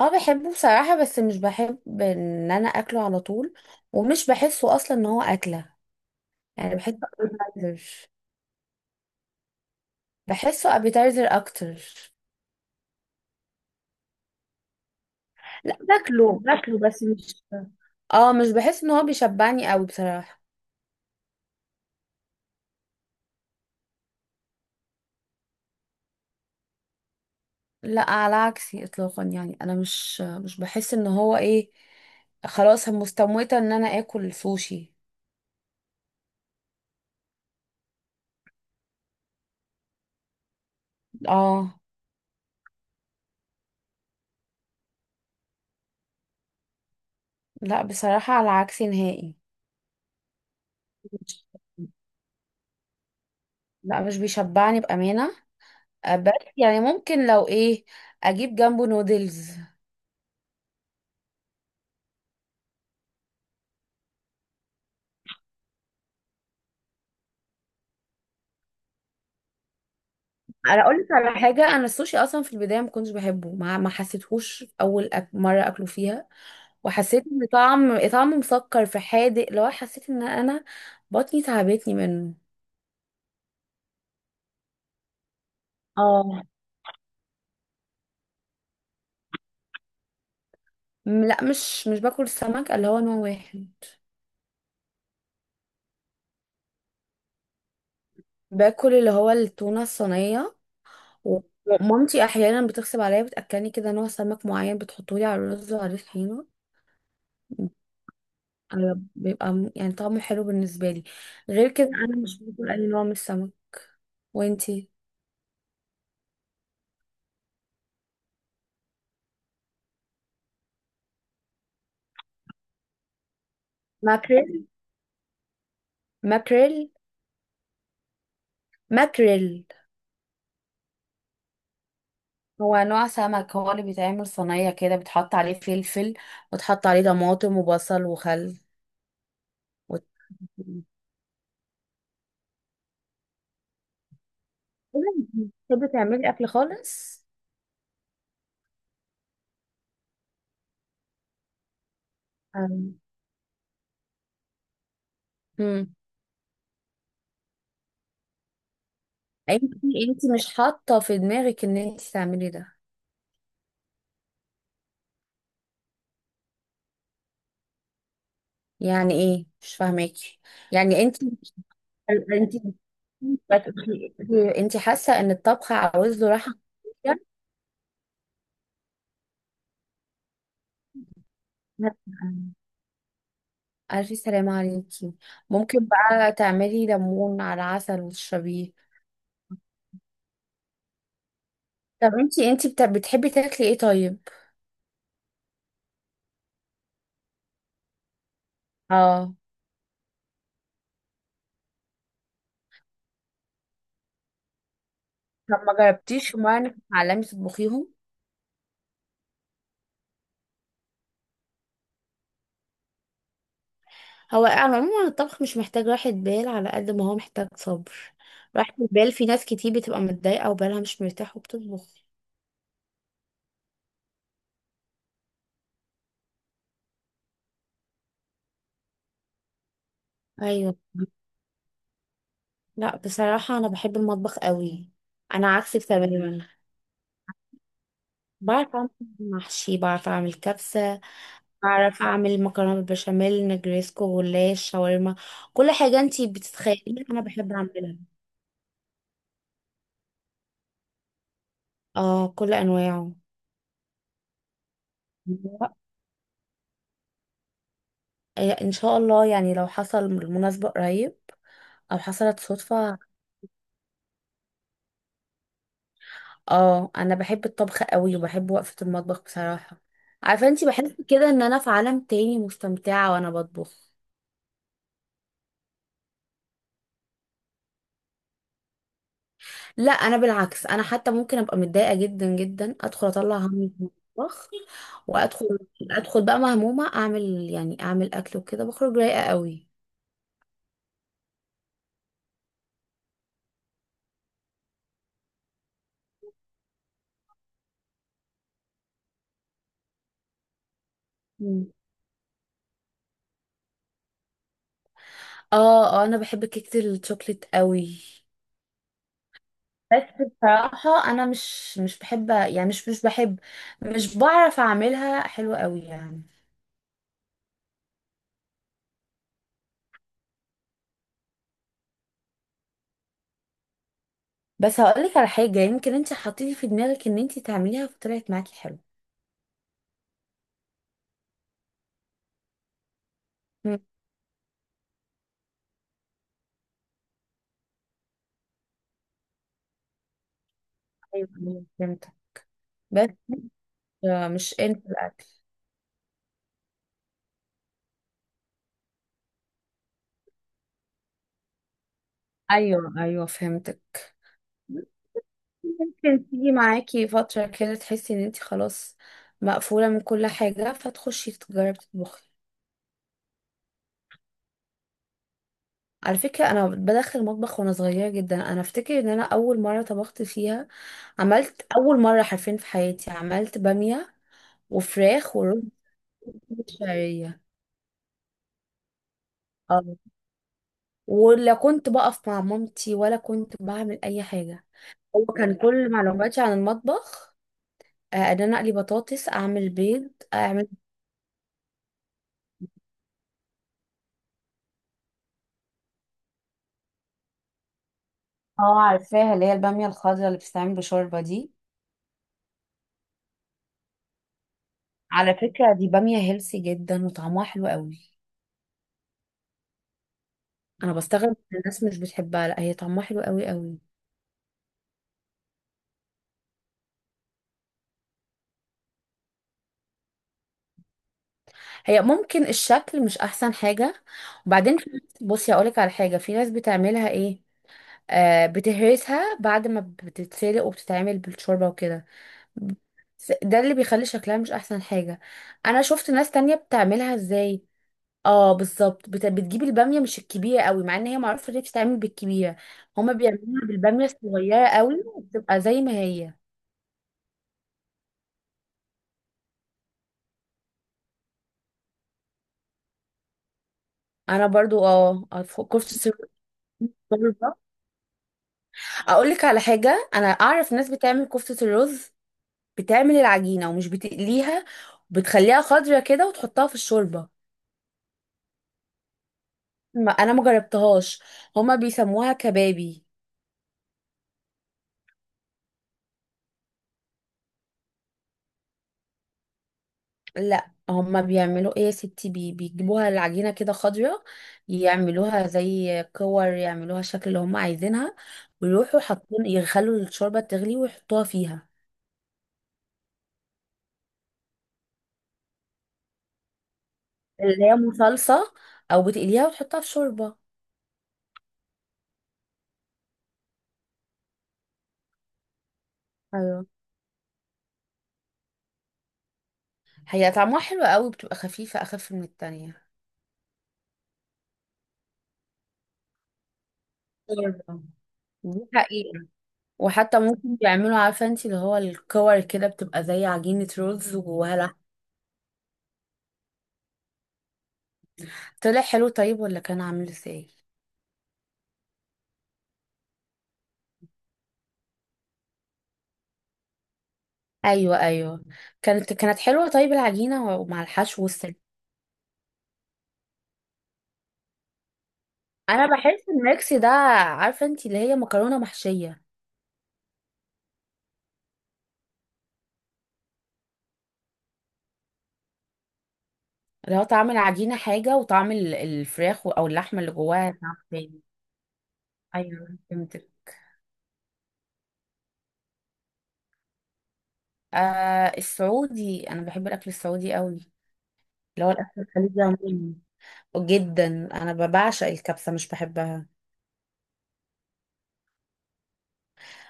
اه، بحبه بصراحة، بس مش بحب ان انا اكله على طول. ومش بحسه اصلا ان هو اكلة. يعني بحسه ابيتايزر. بحسه ابيتايزر اكتر. لا، باكله باكله، بس مش. اه، مش بحس ان هو بيشبعني قوي بصراحة. لا، على عكسي اطلاقا. يعني انا مش بحس ان هو ايه. خلاص، أنا مستموتة ان انا اكل سوشي. اه. لا، بصراحة على عكسي نهائي. مش- لا، مش بيشبعني بأمانة. بس يعني ممكن لو ايه. اجيب جنبه نودلز. انا اقول لك على حاجه. انا السوشي اصلا في البدايه ما كنتش بحبه. ما حسيتهوش اول مره اكله فيها. وحسيت ان طعمه مسكر في حادق. لو حسيت ان انا بطني تعبتني منه. اه. لا، مش باكل السمك اللي هو نوع واحد. باكل اللي هو التونه الصينيه. ومامتي احيانا بتغصب عليا، بتاكلني كده نوع سمك معين، بتحطولي على الرز وعلى الطحينه. أنا بيبقى يعني طعمه حلو بالنسبة لي. غير كده أنا مش باكل أي نوع من السمك. وانتي؟ ماكريل. ماكريل. ماكريل. هو نوع سمك، هو اللي بيتعمل صينية كده، بتحط عليه فلفل وتحط عليه طماطم وبصل وخل. وت... بتحبي تعملي أكل خالص؟ أم. مم. انتي انتي مش حاطة في دماغك ان انتي تعملي ده. يعني ايه؟ مش فاهماكي. يعني انت انت حاسه ان الطبخ عاوز له راحه. نفسية؟ ألف سلامة عليكي. ممكن بقى تعملي ليمون على عسل وتشربيه. طب انتي بتحبي تاكلي ايه طيب؟ اه. طب ما جربتيش مرة انك تتعلمي تطبخيهم؟ هو على العموم الطبخ مش محتاج راحة بال على قد ما هو محتاج صبر. راحة البال، في ناس كتير بتبقى متضايقة وبالها مش مرتاح وبتطبخ. أيوة. لا، بصراحة أنا بحب المطبخ قوي. أنا عكسك تماما. بعرف أعمل محشي، بعرف أعمل كبسة، بعرف أعمل مكرونة بالبشاميل، نجريسكو، غلاش، شاورما. كل حاجة أنتي بتتخيليها أنا بحب أعملها. اه، كل أنواعه. إيه، إن شاء الله يعني لو حصل المناسبة قريب، أو حصلت صدفة. اه، أنا بحب الطبخ قوي وبحب وقفة المطبخ بصراحة. عارفة أنتي، بحس كده إن أنا في عالم تاني مستمتعة وأنا بطبخ. لا، انا بالعكس. انا حتى ممكن ابقى متضايقه جدا جدا، ادخل اطلع همي في المطبخ. وادخل. ادخل بقى مهمومه اعمل، يعني اعمل اكل وكده بخرج رايقه قوي. مم. اه، اه، انا بحب كيكه الشوكليت قوي. بس بصراحه انا مش بحب، يعني مش بحب، مش بعرف اعملها حلوه قوي يعني. بس هقولك على حاجه. يمكن انت حطيتي في دماغك ان انت تعمليها فطلعت معاكي حلو. مم. ايوه، أيوة، فهمتك. بس مش انت الاكل. ايوه، ايوه، فهمتك. ممكن تيجي معاكي فترة كده تحسي ان انت خلاص مقفولة من كل حاجة فتخشي تجربي تطبخي. على فكرة انا بدخل المطبخ وانا صغيرة جدا. انا افتكر ان انا اول مرة طبخت فيها، عملت اول مرة حرفيا في حياتي، عملت بامية وفراخ ورز شعرية. اه. ولا كنت بقف مع مامتي، ولا كنت بعمل اي حاجة. هو كان كل معلوماتي عن المطبخ، ان انا اقلي بطاطس، اعمل بيض، اعمل. اه، عارفاها، اللي هي البامية الخضراء اللي بتتعمل بشوربة دي. على فكرة دي بامية هيلسي جدا وطعمها حلو قوي. انا بستغرب ان الناس مش بتحبها، لا هي طعمها حلو قوي قوي. هي ممكن الشكل مش احسن حاجة. وبعدين بصي اقولك على حاجة. في ناس بتعملها ايه، آه، بتهرسها بعد ما بتتسلق وبتتعمل بالشوربة وكده. ده اللي بيخلي شكلها مش احسن حاجة. انا شفت ناس تانية بتعملها ازاي. اه، بالظبط. بتجيب البامية مش الكبيرة قوي، مع ان هي معروفة ان هي بتتعمل بالكبيرة. هما بيعملوها بالبامية الصغيرة قوي وبتبقى زي ما هي. انا برضو، كفتة الرز ده. اقول لك على حاجة، انا اعرف ناس بتعمل كفتة الرز، بتعمل العجينة ومش بتقليها، بتخليها خضرة كده وتحطها في الشوربة. ما انا ما جربتهاش. هما بيسموها كبابي. لا، هما بيعملوا ايه يا ستي، بيجيبوها العجينة كده خضرة، يعملوها زي كور، يعملوها الشكل اللي هما عايزينها، ويروحوا حاطين يخلوا الشوربة تغلي ويحطوها فيها. اللي هي صلصة، او بتقليها وتحطها في شوربة. ايوه. هي طعمها حلو قوي، بتبقى خفيفة أخف من التانية. برضه. دي حقيقة. وحتى ممكن بيعملوا، عارفة انتي، اللي هو الكور كده بتبقى زي عجينة رز وجواها لحم. طلع حلو طيب ولا كان عامل ازاي؟ أيوة، أيوة. كانت حلوة طيب العجينة، ومع الحشو والسلق. أنا بحس الميكس ده، عارفة انتي، اللي هي مكرونة محشية. اللي هو طعم العجينة حاجة وطعم الفراخ أو اللحمة اللي جواها طعم تاني. أيوة، فهمتك. السعودي. أنا بحب الأكل السعودي قوي. اللي هو الاكل الخليجي عموما. جدا. انا بعشق الكبسه، مش بحبها.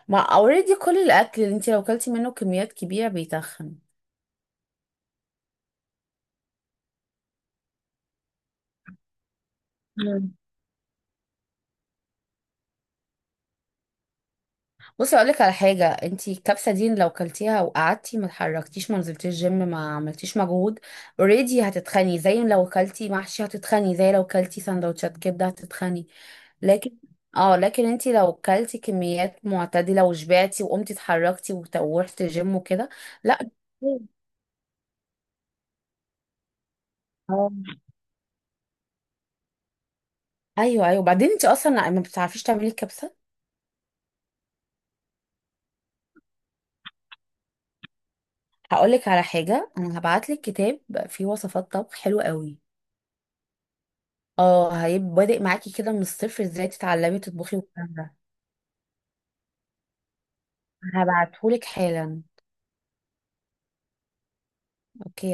ما اوريدي كل الاكل اللي انت لو كلتي منه كميات كبيره بيتخن. مم. بصي اقول لك على حاجه. انت الكبسه دي لو كلتيها وقعدتي ما اتحركتيش، ما نزلتيش جيم، ما عملتيش مجهود، اوريدي هتتخني. زي لو كلتي محشي هتتخني، زي لو كلتي سندوتشات كبده هتتخني. لكن، اه، لكن انت لو كلتي كميات معتدله وشبعتي وقمتي اتحركتي ورحتي جيم وكده. لا. اه. ايوه، ايوه، وبعدين انت اصلا ما بتعرفيش تعملي الكبسه. هقولك على حاجه، انا هبعتلك كتاب فيه وصفات طبخ حلوه قوي. اه، هيبقى بادئ معاكي كده من الصفر، ازاي تتعلمي تطبخي والكلام ده. هبعتهولك حالا. اوكي.